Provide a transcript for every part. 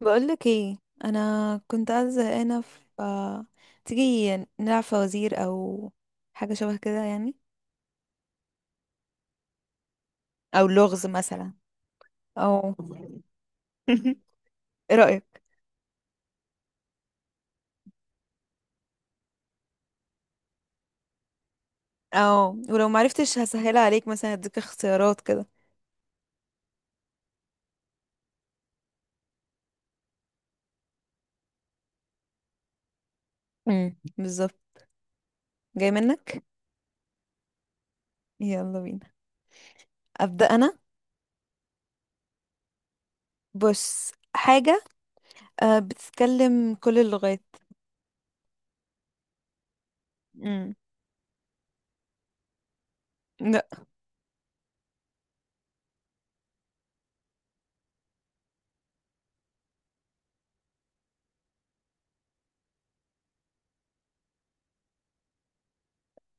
بقولك ايه؟ انا كنت قاعده زهقانه ف تيجي نلعب فوازير او حاجه شبه كده يعني، او لغز مثلا. او ايه رايك؟ او ولو معرفتش هسهلها عليك، مثلا اديك اختيارات كده. امم، بالظبط. جاي منك. يلا بينا. ابدا انا. بص حاجه، بتتكلم كل اللغات. امم. لا.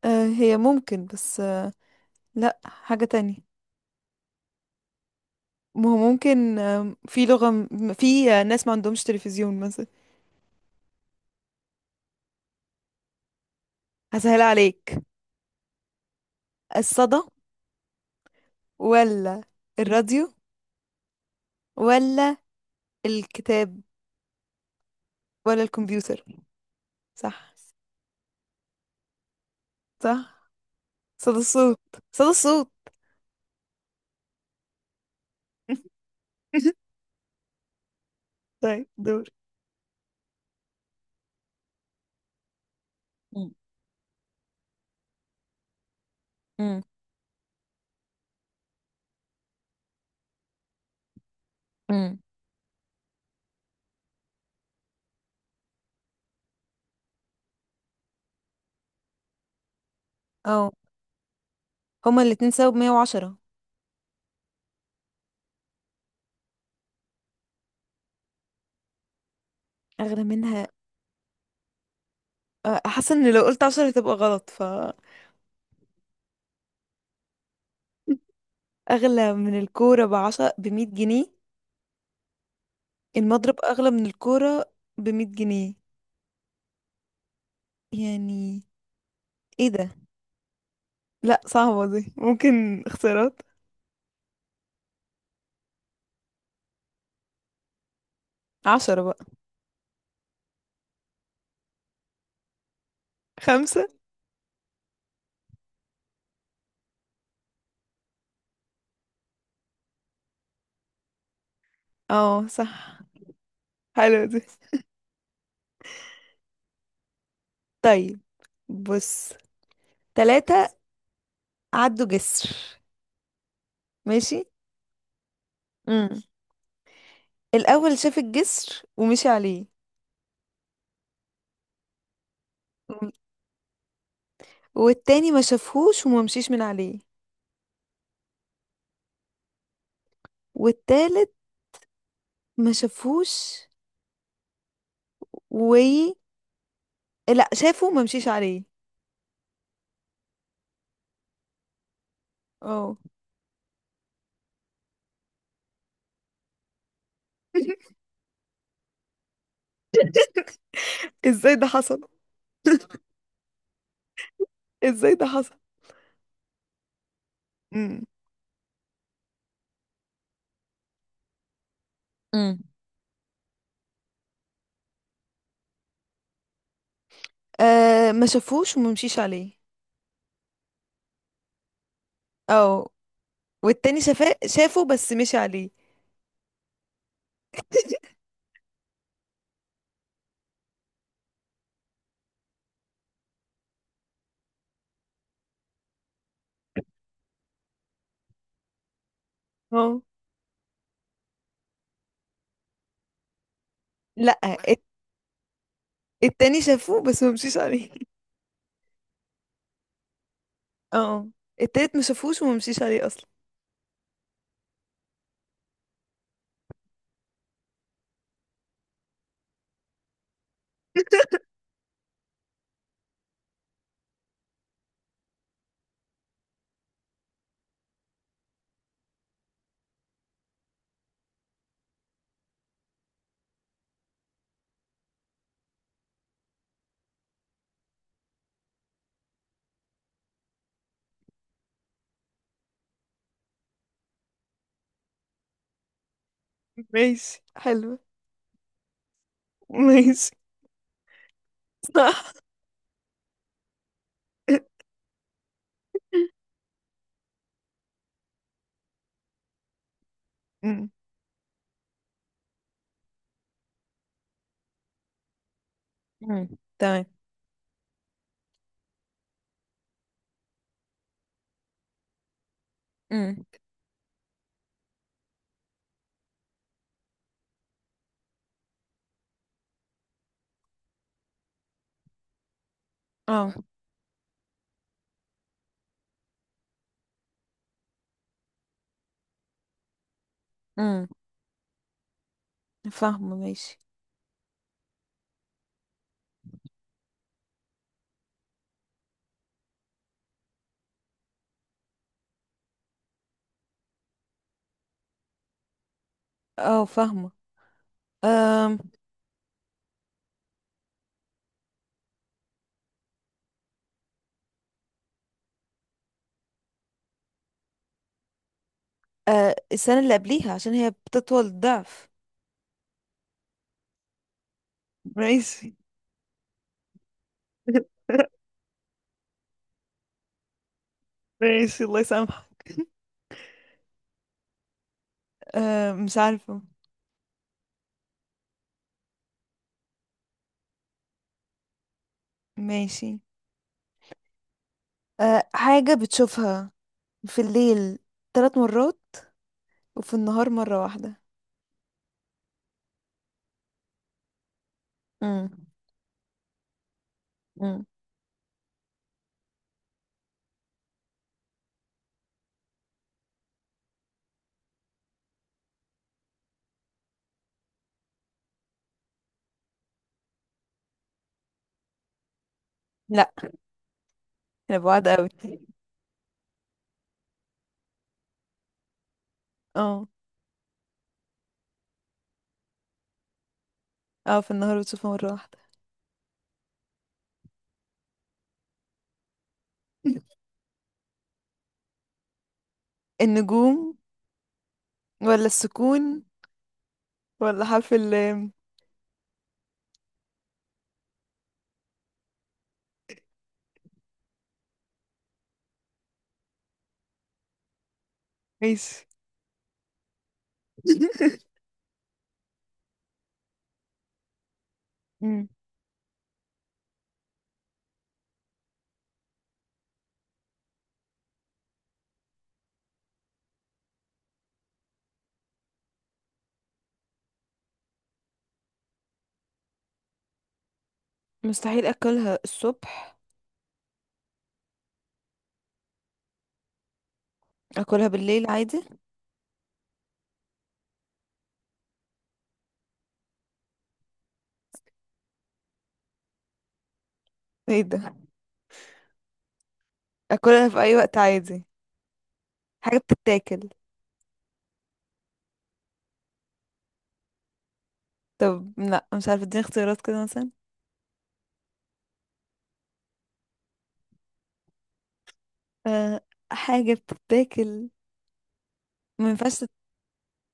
هي ممكن، بس لا، حاجه تانية. ما هو ممكن في لغه في ناس ما عندهمش تلفزيون مثلا. هسهل عليك. الصدى، ولا الراديو، ولا الكتاب، ولا الكمبيوتر؟ صح. صح. صدى الصوت، صدى الصوت. طيب دور. مم. مم. مم. اه، هما الاتنين سبب 110. اغلى منها. أه، حاسه ان لو قلت 10 هتبقى غلط ف اغلى من الكوره ب10، بمية جنيه. المضرب اغلى من الكوره ب100 جنيه يعني. ايه ده؟ لا صعبه دي، ممكن اختيارات. عشرة بقى. 5. اه صح. حلو دي. طيب بص، تلاتة عدوا جسر ماشي. امم. الأول شاف الجسر ومشي عليه. مم. والتاني ما شافهوش وما مشيش من عليه. والتالت ما شافهوش و لا شافه وما مشيش عليه. اه. ازاي ده حصل؟ ازاي ده حصل؟ امم. امم. آه، ما شافهوش وما مشيش عليه. اه. والتاني شافه، بس مشي عليه. اه. لا الت- التاني شافه بس ما مشيش عليه. اه. التالت ما شافوش وما مشيش عليه اصلا. ماشي حلو. ماشي. صح. أمم، أمم، تمام. أمم، اه. أمم. فاهمة ماشي. اه فاهمة. أم، آه، السنة اللي قبليها، عشان هي بتطول الضعف. ماشي. ماشي، الله يسامحك. أه مش عارفة. ماشي. أه، حاجة بتشوفها في الليل 3 مرات وفي النهار مرة واحدة. امم. امم. لا، انا بعاد قوي. اه. اه، في النهار بتشوفها مرة واحدة. النجوم، ولا السكون، ولا حرف اللام؟ ماشي. مم. مستحيل اكلها الصبح. اكلها بالليل عادي. ايه ده؟ اكلها في اي وقت عادي. حاجة بتتاكل. طب لا مش عارفة، اديني اختيارات كده مثلا. أه. حاجة بتتاكل ما ينفعش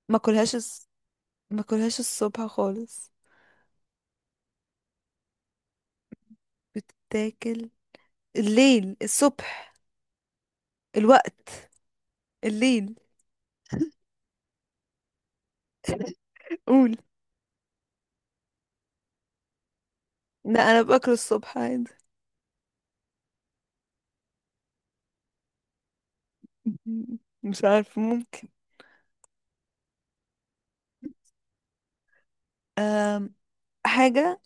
ما اكلهاش الص- ما اكلهاش الصبح خالص. بتتاكل الليل، الصبح، الوقت، الليل. قول. لا انا باكل الصبح عادي. مم. مش عارفة، ممكن. أم، حاجة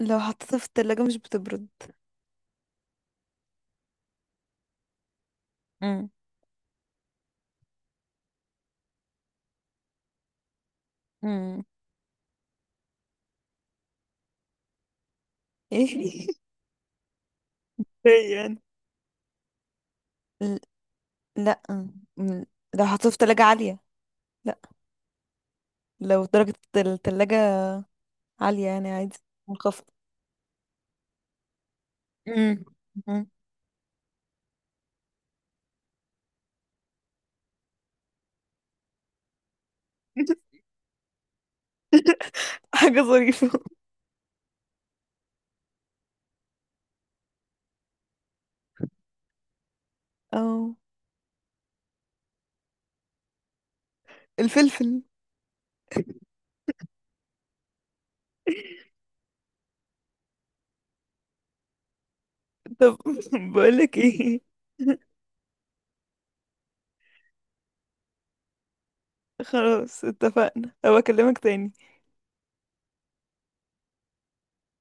لو حطيتها في التلاجة مش بتبرد. مم. مم. ايه؟ إيه يعني؟ ل- لا م- لو حطيتها في تلاجة عالية. لا، لو درجة التلاجة عالية يعني، عادي. منخفضة. مم. مم. حاجة ظريفة. اه الفلفل. طب. بقولك ايه، خلاص اتفقنا، أبقى اكلمك تاني.